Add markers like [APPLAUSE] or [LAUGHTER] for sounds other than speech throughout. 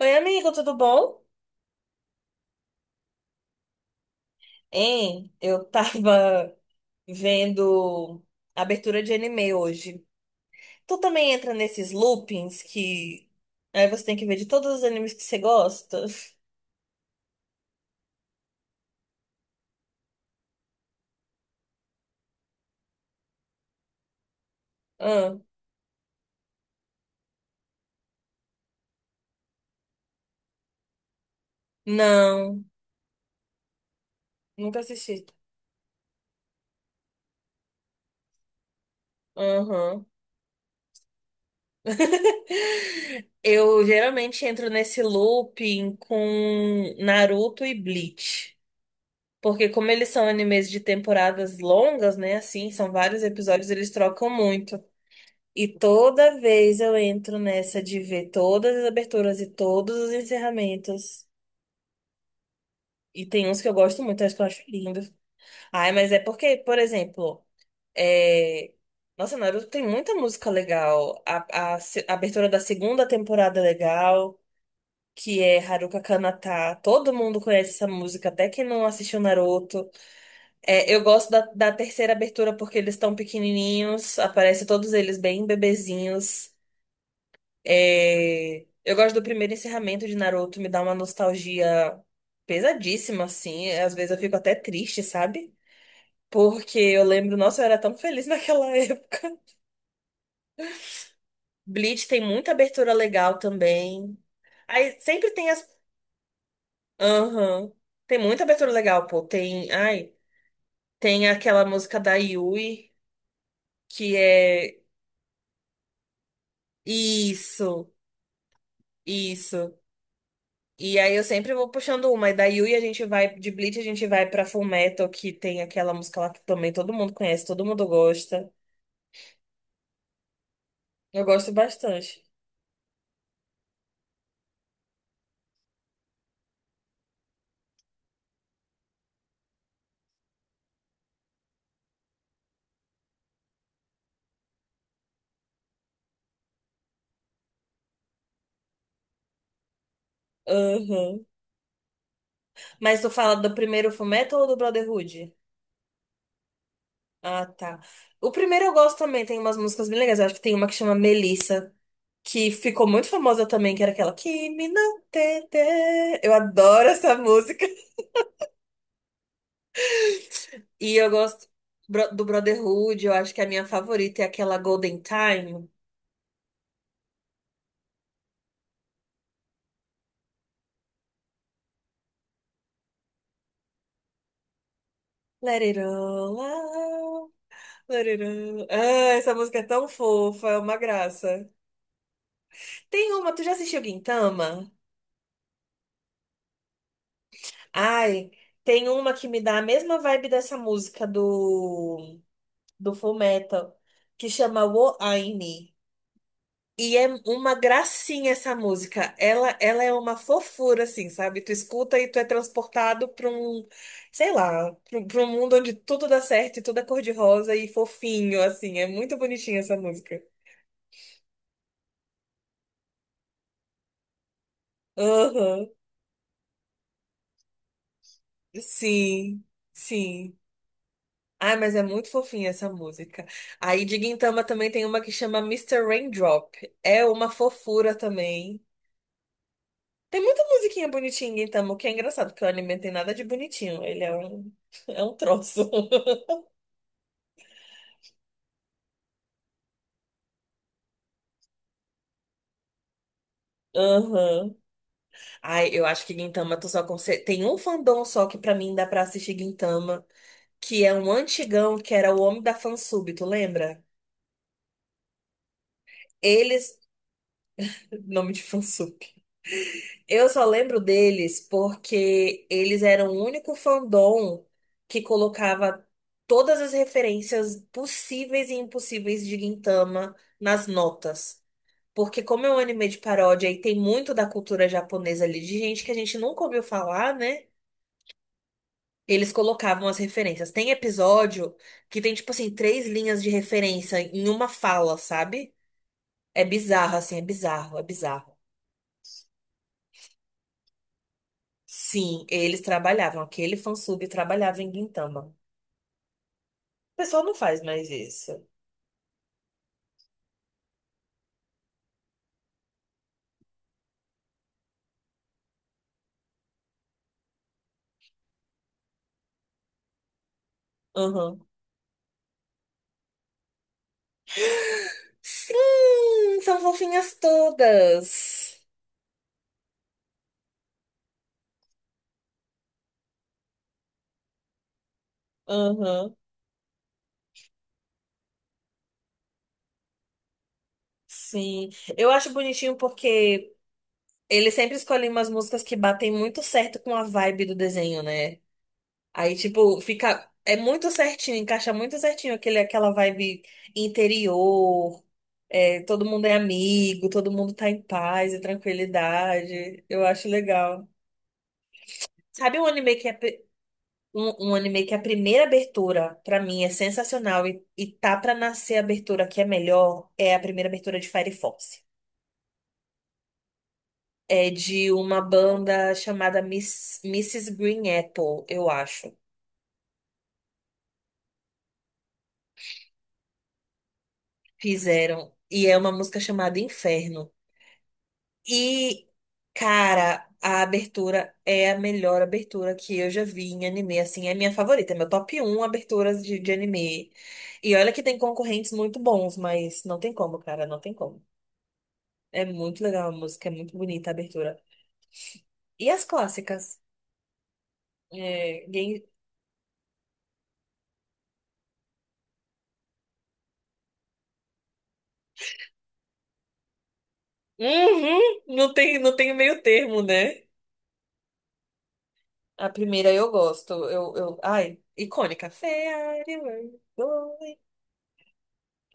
Oi, amigo, tudo bom? Eu tava vendo a abertura de anime hoje. Tu também entra nesses loopings que aí você tem que ver de todos os animes que você gosta? [LAUGHS] Ah, não, nunca assisti. Aham. [LAUGHS] Eu geralmente entro nesse looping com Naruto e Bleach. Porque como eles são animes de temporadas longas, né? Assim, são vários episódios, eles trocam muito. E toda vez eu entro nessa de ver todas as aberturas e todos os encerramentos. E tem uns que eu gosto muito, acho que eu acho lindo. Ai, mas é porque, por exemplo, é... Nossa, Naruto tem muita música legal. A se- a abertura da segunda temporada é legal, que é Haruka Kanata. Todo mundo conhece essa música, até quem não assistiu Naruto. É, eu gosto da terceira abertura porque eles estão pequenininhos, aparece todos eles bem bebezinhos. É, eu gosto do primeiro encerramento de Naruto, me dá uma nostalgia pesadíssima, assim. Às vezes eu fico até triste, sabe? Porque eu lembro, nossa, eu era tão feliz naquela [LAUGHS] época. Bleach tem muita abertura legal também. Aí sempre tem as. Aham. Tem muita abertura legal, pô. Tem. Ai, tem aquela música da Yui, que é. Isso, isso. E aí eu sempre vou puxando uma. E da Yui a gente vai, de Bleach a gente vai pra Fullmetal, que tem aquela música lá que também todo mundo conhece, todo mundo gosta. Eu gosto bastante. Aham. Mas tu fala do primeiro Fullmetal ou do Brotherhood? Ah, tá. O primeiro eu gosto também, tem umas músicas bem legais. Eu acho que tem uma que chama Melissa, que ficou muito famosa também, que era aquela Kimi no Tete. Eu adoro essa música. E eu gosto do Brotherhood, eu acho que é a minha favorita é aquela Golden Time. Let it all out, let it all... Ah, essa música é tão fofa, é uma graça. Tem uma, tu já assistiu Gintama? Ai, tem uma que me dá a mesma vibe dessa música do Fullmetal, que chama Wo Aini. E é uma gracinha essa música. Ela é uma fofura, assim, sabe? Tu escuta e tu é transportado pra um, sei lá, pra um mundo onde tudo dá certo e tudo é cor-de-rosa e fofinho, assim. É muito bonitinha essa música. Aham, sim, sim. Ai, mas é muito fofinha essa música. Aí de Gintama também tem uma que chama Mister Raindrop. É uma fofura também. Tem muita musiquinha bonitinha em Gintama, o que é engraçado, porque o anime não tem nada de bonitinho. Ele é um, [LAUGHS] é um troço. [LAUGHS] Aham. Ai, eu acho que Gintama tu só consegue... Tem um fandom só que pra mim dá pra assistir Gintama, que é um antigão, que era o Homem da Fansub, tu lembra? Eles... Nome de Fansub. Eu só lembro deles porque eles eram o único fandom que colocava todas as referências possíveis e impossíveis de Gintama nas notas. Porque como é um anime de paródia e tem muito da cultura japonesa ali, de gente que a gente nunca ouviu falar, né? Eles colocavam as referências. Tem episódio que tem, tipo assim, três linhas de referência em uma fala, sabe? É bizarro, assim, é bizarro, é bizarro. Sim, eles trabalhavam. Aquele fansub trabalhava em Gintama. O pessoal não faz mais isso. Aham. Sim, são fofinhas todas. Aham. Sim. Eu acho bonitinho porque eles sempre escolhem umas músicas que batem muito certo com a vibe do desenho, né? Aí, tipo, fica. É muito certinho, encaixa muito certinho aquela vibe interior. É, todo mundo é amigo, todo mundo tá em paz e tranquilidade. Eu acho legal. Sabe um anime que é um, um anime que é a primeira abertura pra mim é sensacional e tá pra nascer a abertura que é melhor é a primeira abertura de Fire Force. É de uma banda chamada Mrs. Green Apple, eu acho. Fizeram e é uma música chamada Inferno. E, cara, a abertura é a melhor abertura que eu já vi em anime, assim, é a minha favorita, é meu top 1 aberturas de anime. E olha que tem concorrentes muito bons, mas não tem como, cara, não tem como. É muito legal a música, é muito bonita a abertura. E as clássicas? É, Gen- Uhum, não tem, não tem meio termo, né? A primeira eu gosto, eu, ai, icônica. Fairy, Where You Going?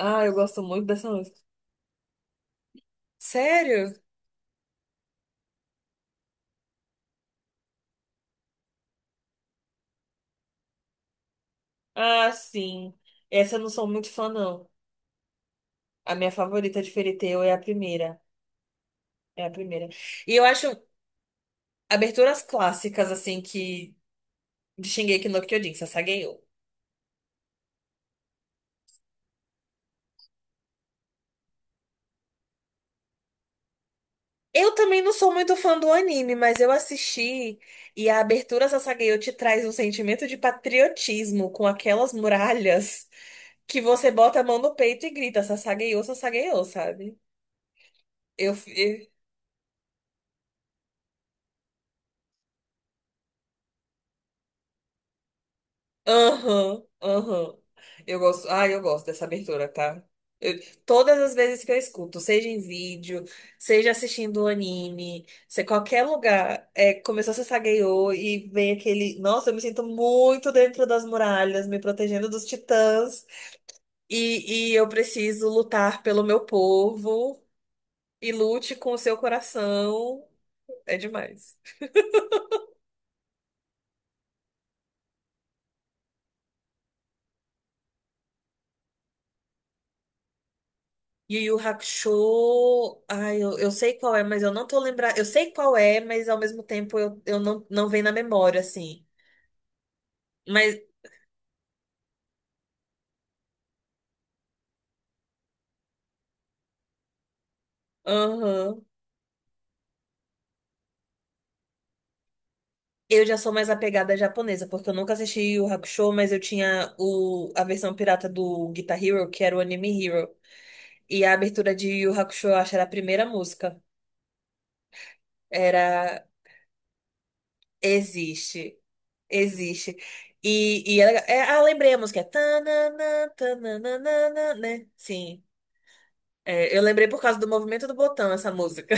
Ah, eu gosto muito dessa música. Sério? Ah, sim. Essa eu não sou muito fã, não. A minha favorita de Fairy Tail é a primeira. É a primeira. E eu acho aberturas clássicas, assim, que de Shingeki no Kyojin, Sasageyo. Eu também não sou muito fã do anime, mas eu assisti e a abertura Sasageyo te traz um sentimento de patriotismo com aquelas muralhas que você bota a mão no peito e grita Sasageyo, Sasageyo, sabe? Eu, eu, Aham, aham. Eu gosto, ah, eu gosto dessa abertura, tá? Eu- todas as vezes que eu escuto, seja em vídeo, seja assistindo um anime, seja qualquer lugar, é, começou a Sasageyo e vem aquele. Nossa, eu me sinto muito dentro das muralhas, me protegendo dos titãs, e eu preciso lutar pelo meu povo, e lute com o seu coração. É demais. Yu Yu Hakusho, ai, eu sei qual é, mas eu não tô lembrando. Eu sei qual é, mas ao mesmo tempo eu não, não vem na memória, assim. Mas, aham. Eu já sou mais apegada à japonesa, porque eu nunca assisti Yu Yu Hakusho, mas eu tinha a versão pirata do Guitar Hero, que era o Anime Hero. E a abertura de Yu Yu Hakusho, eu acho, era a primeira música. Era Existe. Existe. E ela, é, ah, lembrei a música. É tananã, tananana, né? Sim. É, eu lembrei por causa do movimento do botão essa música.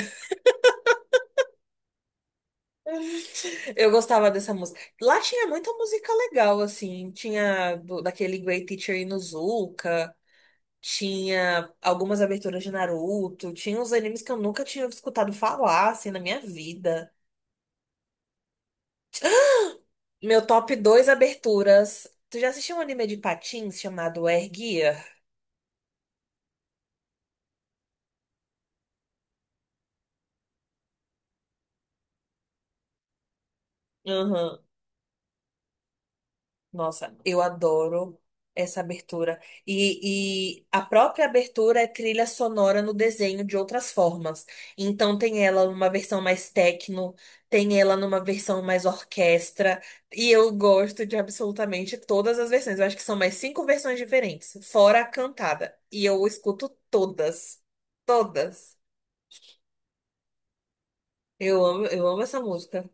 [LAUGHS] Eu gostava dessa música. Lá tinha muita música legal, assim. Tinha daquele Great Teacher Onizuka, tinha algumas aberturas de Naruto, tinha uns animes que eu nunca tinha escutado falar, assim, na minha vida. Meu top 2 aberturas. Tu já assistiu um anime de patins chamado Air Gear? Nossa, eu adoro essa abertura. E a própria abertura é trilha sonora no desenho de outras formas. Então tem ela numa versão mais techno, tem ela numa versão mais orquestra. E eu gosto de absolutamente todas as versões. Eu acho que são mais cinco versões diferentes, fora a cantada. E eu escuto todas. Todas. Eu amo essa música.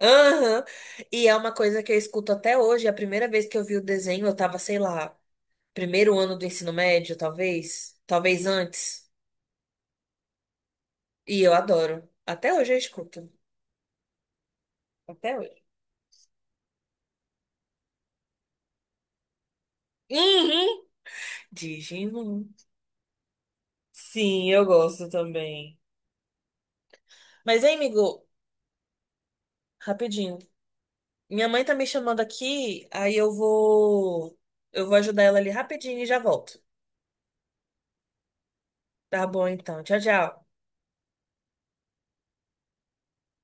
Aham. E é uma coisa que eu escuto até hoje. A primeira vez que eu vi o desenho, eu tava, sei lá. 1º ano do ensino médio, talvez. Talvez antes. E eu adoro. Até hoje eu escuto. Até hoje. Uhum. Digimon. Sim, eu gosto também. Mas, hein, amigo, rapidinho. Minha mãe tá me chamando aqui, aí eu vou. Eu vou ajudar ela ali rapidinho e já volto. Tá bom, então. Tchau, tchau.